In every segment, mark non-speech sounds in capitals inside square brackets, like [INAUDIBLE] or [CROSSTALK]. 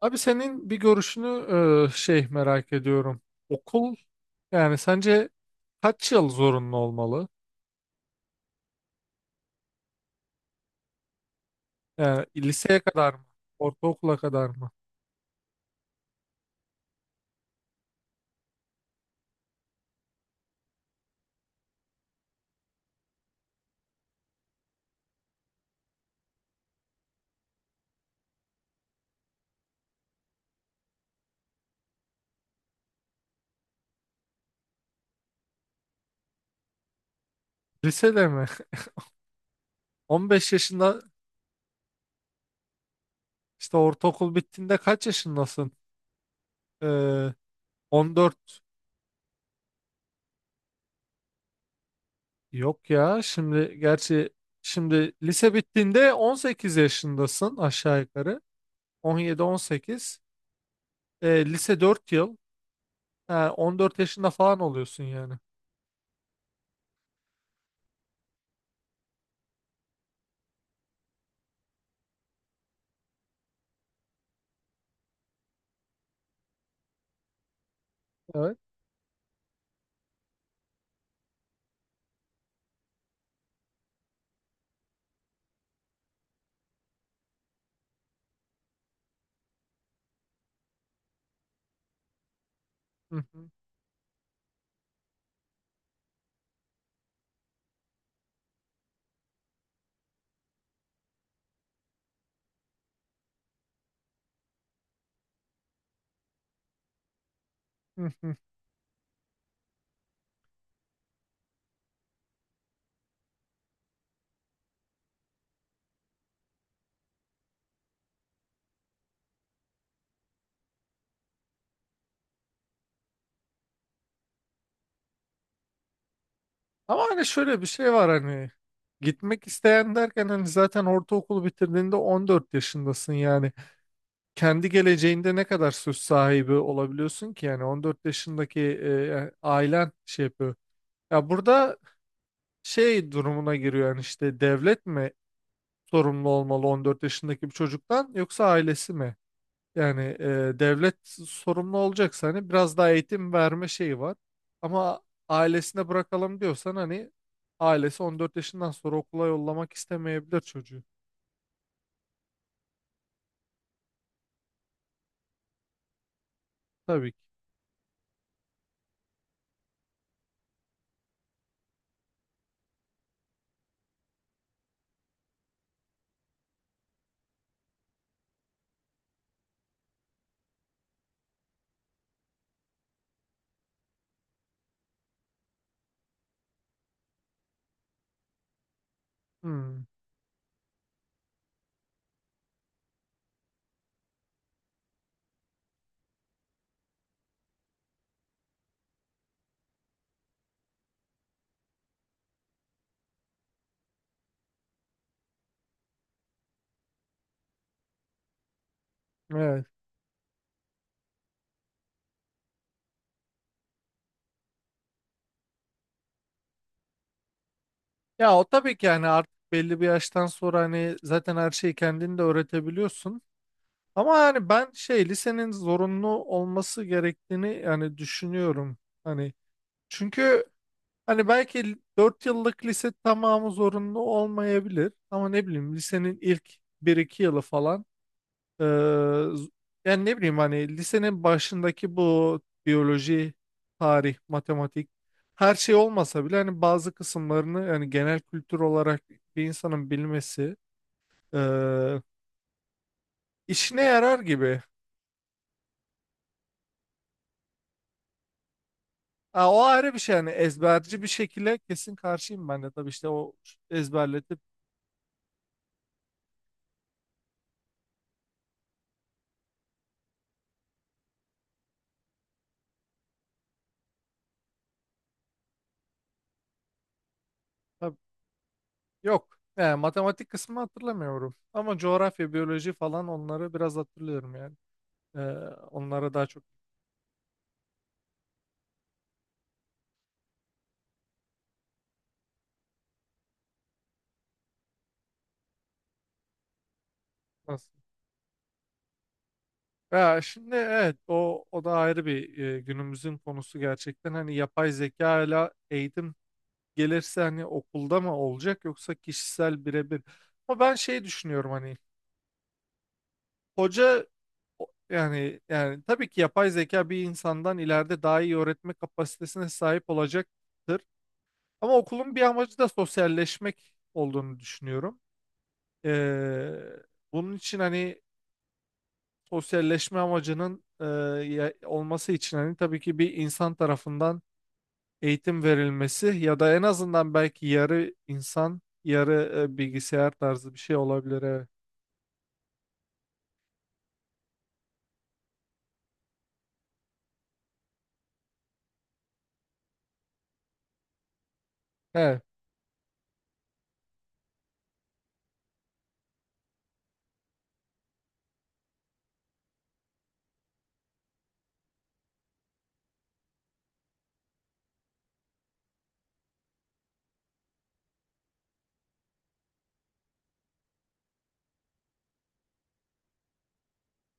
Abi senin bir görüşünü şey merak ediyorum. Okul, yani sence kaç yıl zorunlu olmalı? Yani liseye kadar mı? Ortaokula kadar mı? Lisede mi? [LAUGHS] 15 yaşında. İşte ortaokul bittiğinde kaç yaşındasın? Ee, 14, yok ya. Şimdi gerçi şimdi lise bittiğinde 18 yaşındasın aşağı yukarı. 17-18. Lise 4 yıl. Ha, 14 yaşında falan oluyorsun yani. Evet. Hı hı. Hı hı. Ama hani şöyle bir şey var, hani gitmek isteyen derken, hani zaten ortaokulu bitirdiğinde 14 yaşındasın yani. Kendi geleceğinde ne kadar söz sahibi olabiliyorsun ki yani? 14 yaşındaki ailen şey yapıyor. Ya burada şey durumuna giriyor yani, işte devlet mi sorumlu olmalı 14 yaşındaki bir çocuktan, yoksa ailesi mi? Yani devlet sorumlu olacaksa hani biraz daha eğitim verme şeyi var. Ama ailesine bırakalım diyorsan, hani ailesi 14 yaşından sonra okula yollamak istemeyebilir çocuğu. Tabii ki. Hmm, evet. Ya o tabii ki, yani artık belli bir yaştan sonra hani zaten her şeyi kendin de öğretebiliyorsun. Ama yani ben şey, lisenin zorunlu olması gerektiğini yani düşünüyorum. Hani çünkü, hani belki 4 yıllık lise tamamı zorunlu olmayabilir, ama ne bileyim lisenin ilk bir iki yılı falan, eee, z- yani ne bileyim, hani lisenin başındaki bu biyoloji, tarih, matematik, her şey olmasa bile hani bazı kısımlarını, yani genel kültür olarak bir insanın bilmesi eee, işine yarar gibi. Ha, o ayrı bir şey. Yani ezberci bir şekilde kesin karşıyım ben de tabii, işte o ezberletip tabii. Yok, yani matematik kısmını hatırlamıyorum. Ama coğrafya, biyoloji falan, onları biraz hatırlıyorum yani. Ee, onlara daha çok nasıl. Ya şimdi evet, o da ayrı bir günümüzün konusu gerçekten. Hani yapay zeka ile eğitim gelirse hani okulda mı olacak, yoksa kişisel birebir. Ama ben şey düşünüyorum, hani hoca yani tabii ki yapay zeka bir insandan ileride daha iyi öğretme kapasitesine sahip olacaktır. Ama okulun bir amacı da sosyalleşmek olduğunu düşünüyorum. Ee, bunun için hani sosyalleşme amacının, olması için hani tabii ki bir insan tarafından eğitim verilmesi, ya da en azından belki yarı insan, yarı bilgisayar tarzı bir şey olabilir. Evet. He.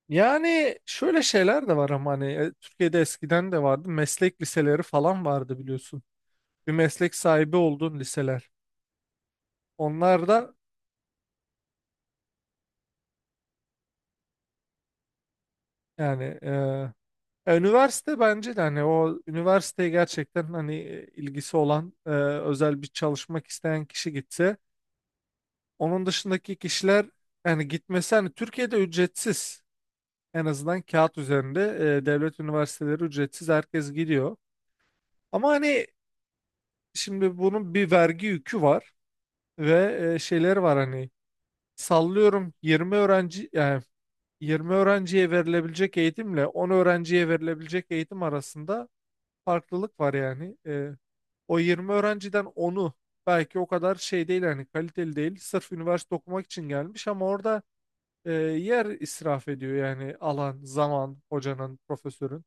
Yani şöyle şeyler de var ama, hani Türkiye'de eskiden de vardı. Meslek liseleri falan vardı, biliyorsun. Bir meslek sahibi olduğun liseler. Onlar da yani ya, üniversite bence de, hani o üniversiteye gerçekten hani ilgisi olan, özel bir çalışmak isteyen kişi gitse, onun dışındaki kişiler yani gitmesi, hani Türkiye'de ücretsiz, en azından kağıt üzerinde devlet üniversiteleri ücretsiz, herkes gidiyor. Ama hani şimdi bunun bir vergi yükü var ve şeyleri var. Hani sallıyorum 20 öğrenci yani, 20 öğrenciye verilebilecek eğitimle 10 öğrenciye verilebilecek eğitim arasında farklılık var yani. O 20 öğrenciden onu belki o kadar şey değil, yani kaliteli değil. Sırf üniversite okumak için gelmiş, ama orada yer israf ediyor yani; alan, zaman, hocanın, profesörün.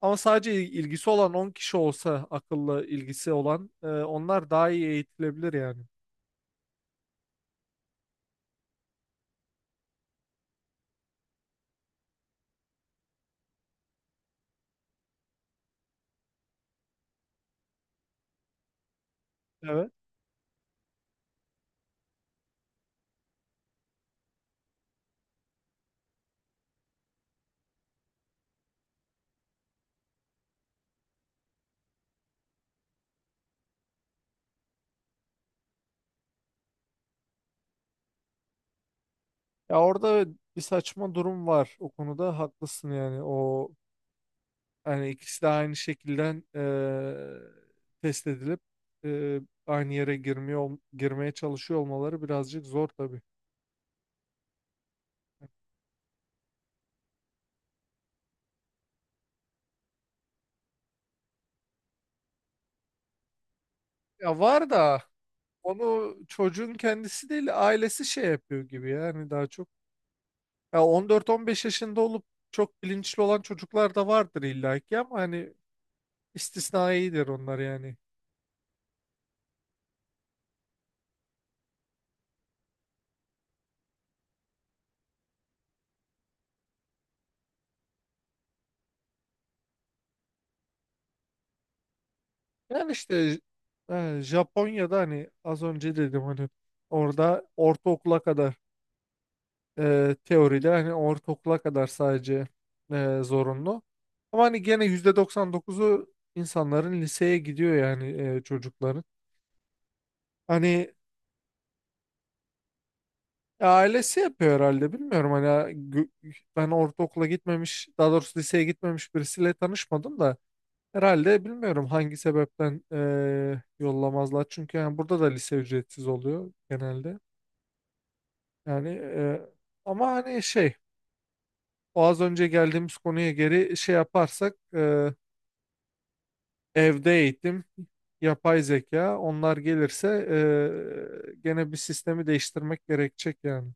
Ama sadece ilgisi olan 10 kişi olsa, akıllı ilgisi olan, onlar daha iyi eğitilebilir yani. Evet. Ya orada bir saçma durum var, o konuda haklısın yani. O, hani ikisi de aynı şekilde test edilip eee, aynı yere girmeye çalışıyor olmaları birazcık zor tabii. Ya var da, onu çocuğun kendisi değil ailesi şey yapıyor gibi yani, daha çok. Ya 14-15 yaşında olup çok bilinçli olan çocuklar da vardır illaki, ama hani istisnaidir onlar yani. Yani işte Japonya'da, hani az önce dedim, hani orada ortaokula kadar, teoride hani ortaokula kadar sadece zorunlu. Ama hani gene %99'u insanların liseye gidiyor yani, çocukların. Hani ailesi yapıyor herhalde, bilmiyorum. Hani gö- ben ortaokula gitmemiş, daha doğrusu liseye gitmemiş birisiyle tanışmadım da, herhalde bilmiyorum hangi sebepten yollamazlar. Çünkü yani burada da lise ücretsiz oluyor genelde. Yani ama hani şey, o az önce geldiğimiz konuya geri şey yaparsak, evde eğitim, yapay zeka, onlar gelirse gene bir sistemi değiştirmek gerekecek yani.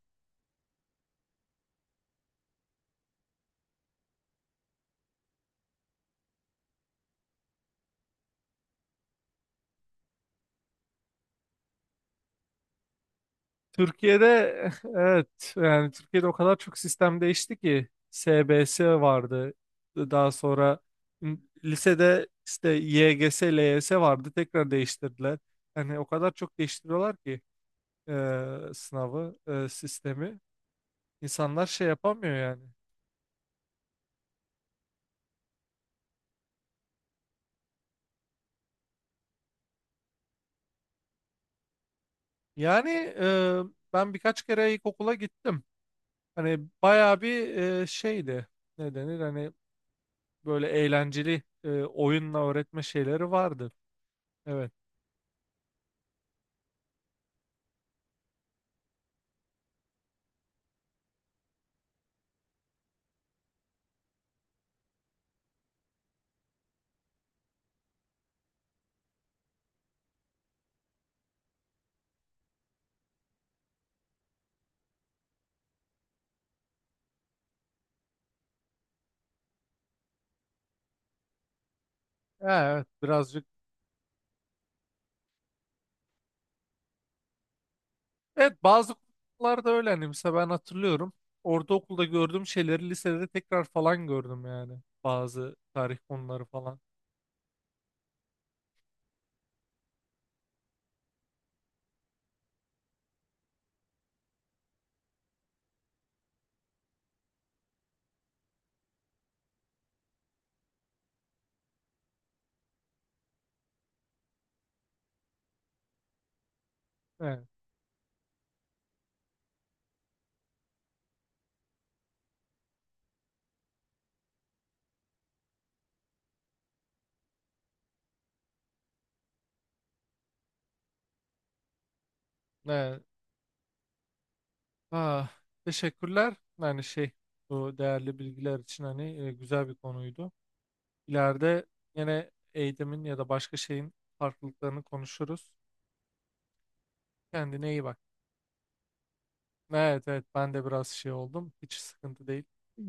Türkiye'de [LAUGHS] evet, yani Türkiye'de o kadar çok sistem değişti ki SBS vardı. Daha sonra lisede işte YGS, LYS vardı. Tekrar değiştirdiler. Yani o kadar çok değiştiriyorlar ki sınavı, sistemi. İnsanlar şey yapamıyor yani. Yani eee, ben birkaç kere ilkokula gittim. Hani bayağı bir şeydi. Ne denir? Hani böyle eğlenceli oyunla öğretme şeyleri vardı. Evet. Ha, evet, birazcık. Evet, bazı okullarda öyle, hani mesela ben hatırlıyorum. Ortaokulda gördüğüm şeyleri lisede tekrar falan gördüm yani. Bazı tarih konuları falan. Evet. Evet. Ah, teşekkürler. Yani şey, bu değerli bilgiler için, hani güzel bir konuydu. İleride yine eğitimin ya da başka şeyin farklılıklarını konuşuruz. Kendine iyi bak. Evet, evet, ben de biraz şey oldum. Hiç sıkıntı değil. Hı.